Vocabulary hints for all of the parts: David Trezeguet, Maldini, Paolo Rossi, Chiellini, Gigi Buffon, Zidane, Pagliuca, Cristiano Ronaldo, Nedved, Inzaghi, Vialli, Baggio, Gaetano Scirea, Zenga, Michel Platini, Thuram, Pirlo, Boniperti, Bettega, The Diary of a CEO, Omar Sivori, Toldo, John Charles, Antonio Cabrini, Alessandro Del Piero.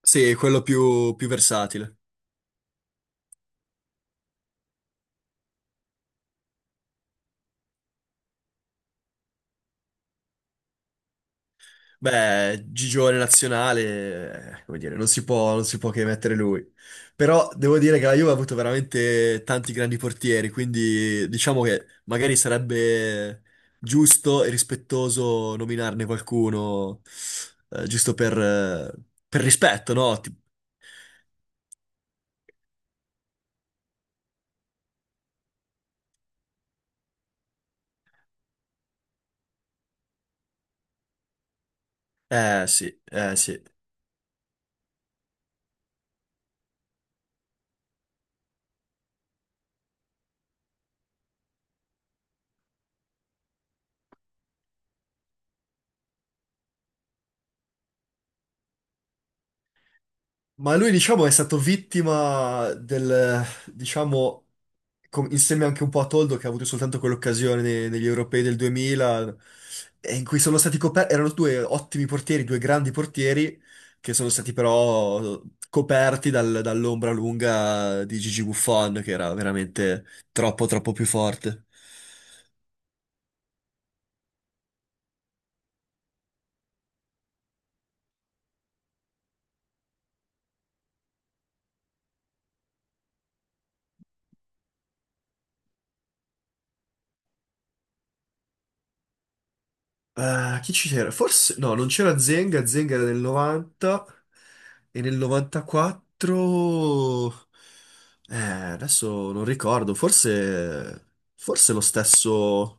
Sì, è quello più, più versatile. Beh, Gigione nazionale, come dire, non si può, non si può che mettere lui. Però devo dire che la Juve ha avuto veramente tanti grandi portieri, quindi diciamo che magari sarebbe giusto e rispettoso nominarne qualcuno, giusto per rispetto, no? Eh sì, eh sì. Ma lui, diciamo, è stato vittima del, diciamo, insieme anche un po' a Toldo, che ha avuto soltanto quell'occasione negli europei del 2000, e in cui sono stati coperti, erano due ottimi portieri, due grandi portieri, che sono stati però coperti dall'ombra lunga di Gigi Buffon, che era veramente troppo, troppo più forte. Chi ci c'era? Forse no, non c'era Zenga, Zenga era nel 90 e nel 94. Eh, adesso non ricordo, forse forse lo stesso.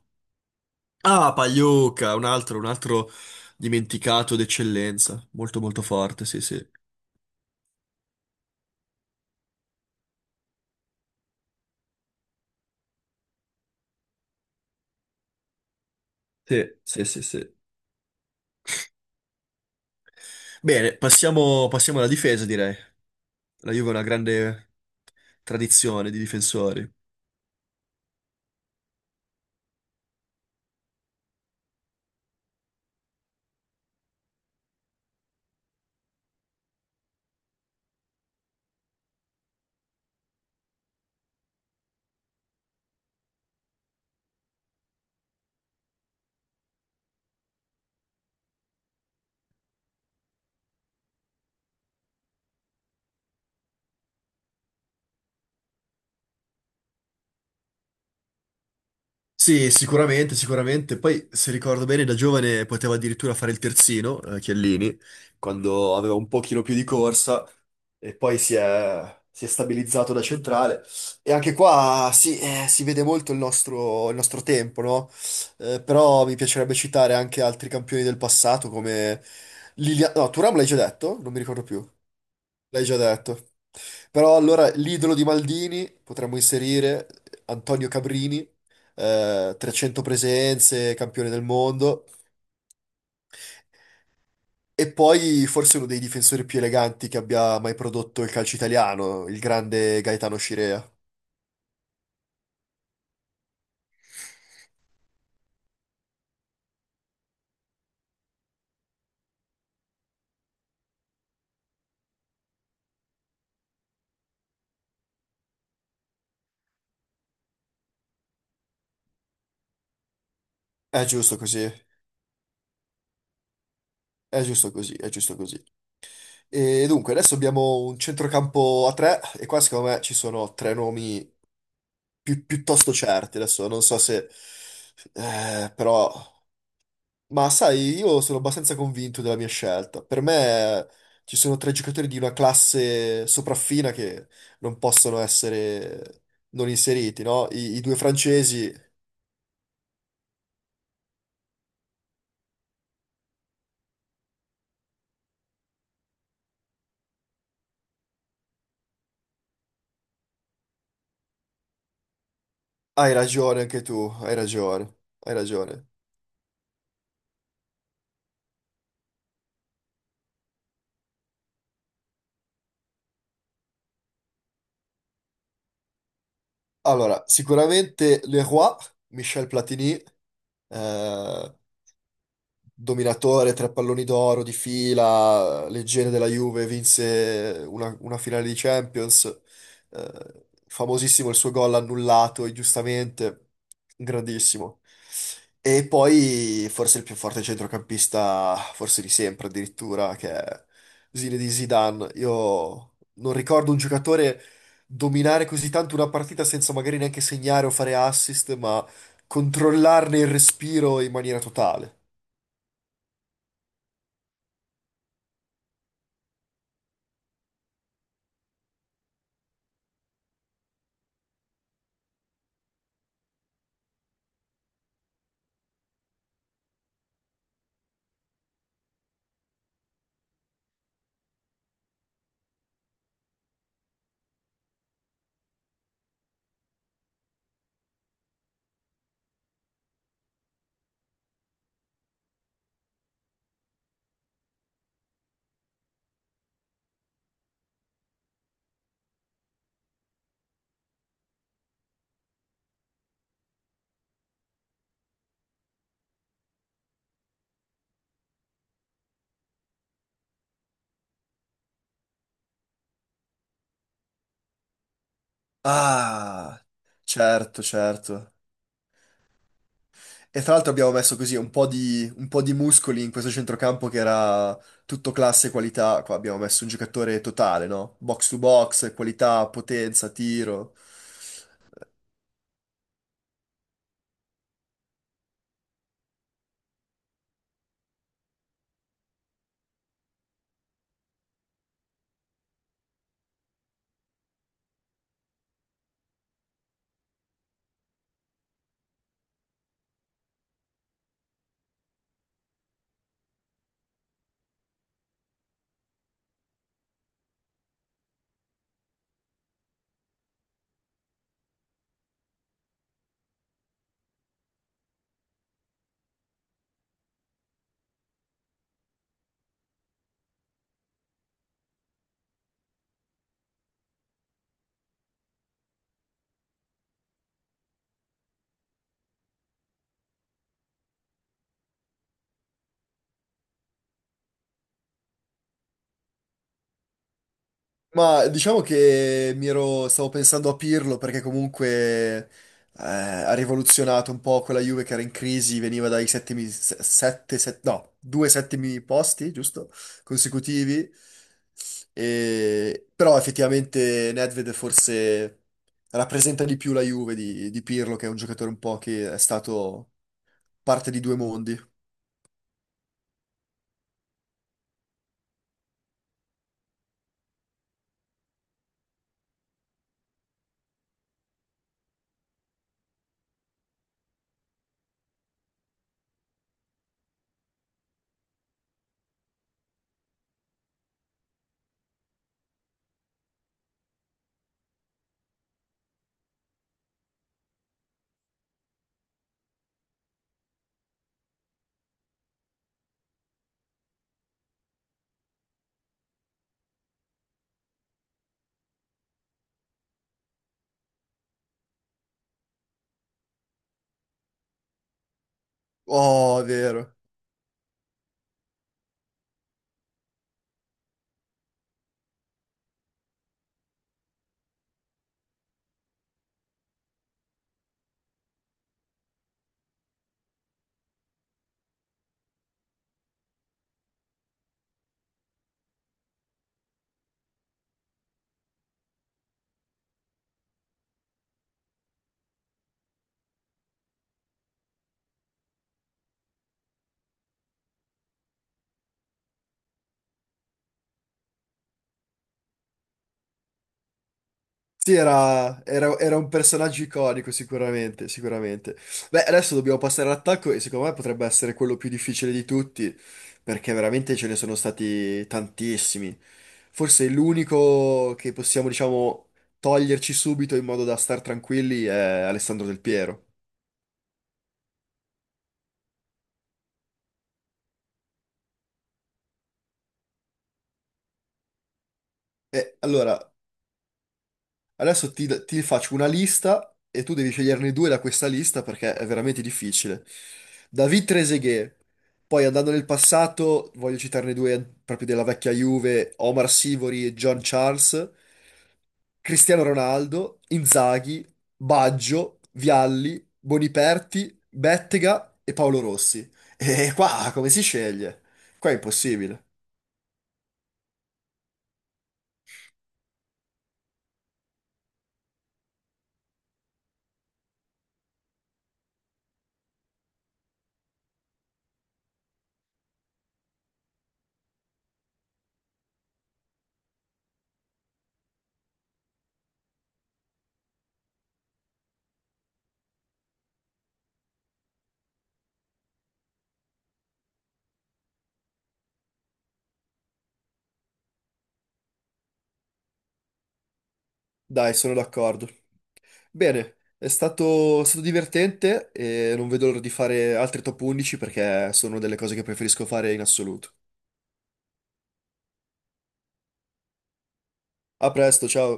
Ah, Pagliuca, un altro dimenticato d'eccellenza, molto molto forte, sì, sì. Sì, sì, sì, sì. Bene, passiamo alla difesa, direi. La Juve ha una grande tradizione di difensori. Sì, sicuramente, sicuramente. Poi, se ricordo bene, da giovane poteva addirittura fare il terzino, Chiellini, quando aveva un pochino più di corsa e poi si è stabilizzato da centrale. E anche qua sì, si vede molto il nostro tempo, no? Però mi piacerebbe citare anche altri campioni del passato come Liliano... No, Thuram l'hai già detto? Non mi ricordo più. L'hai già detto. Però allora l'idolo di Maldini potremmo inserire Antonio Cabrini, 300 presenze, campione del mondo. E poi forse uno dei difensori più eleganti che abbia mai prodotto il calcio italiano, il grande Gaetano Scirea. È giusto così, è giusto così, è giusto così. E dunque, adesso abbiamo un centrocampo a tre e qua secondo me ci sono tre nomi piuttosto certi. Adesso non so se... Eh, però. Ma sai, io sono abbastanza convinto della mia scelta. Per me ci sono tre giocatori di una classe sopraffina che non possono essere non inseriti, no? I due francesi, hai ragione anche tu, hai ragione, hai ragione. Allora, sicuramente Leroy, Michel Platini, eh, dominatore, tre palloni d'oro di fila, leggenda della Juve, vinse una finale di Champions, famosissimo il suo gol annullato, e giustamente, grandissimo. E poi forse il più forte centrocampista, forse di sempre addirittura, che è di Zidane. Io non ricordo un giocatore dominare così tanto una partita senza magari neanche segnare o fare assist, ma controllarne il respiro in maniera totale. Ah, certo, certo. E tra l'altro abbiamo messo così un po' di muscoli in questo centrocampo che era tutto classe e qualità. Qua abbiamo messo un giocatore totale, no? Box to box, qualità, potenza, tiro. Ma diciamo che stavo pensando a Pirlo perché comunque eh, ha rivoluzionato un po' quella Juve che era in crisi, veniva dai settimi, se- sette, set- no, due settimi posti, giusto? Consecutivi. Però effettivamente Nedved forse rappresenta di più la Juve di Pirlo, che è un giocatore un po' che è stato parte di due mondi. Oh, è vero. Sì, era un personaggio iconico, sicuramente, sicuramente. Beh, adesso dobbiamo passare all'attacco e secondo me potrebbe essere quello più difficile di tutti, perché veramente ce ne sono stati tantissimi. Forse l'unico che possiamo, diciamo, toglierci subito in modo da star tranquilli è Alessandro Del Piero. E allora, adesso ti faccio una lista e tu devi sceglierne due da questa lista perché è veramente difficile. David Trezeguet, poi andando nel passato, voglio citarne due proprio della vecchia Juve, Omar Sivori e John Charles, Cristiano Ronaldo, Inzaghi, Baggio, Vialli, Boniperti, Bettega e Paolo Rossi. E qua come si sceglie? Qua è impossibile. Dai, sono d'accordo. Bene, è stato divertente e non vedo l'ora di fare altri top 11 perché sono delle cose che preferisco fare in assoluto. A presto, ciao!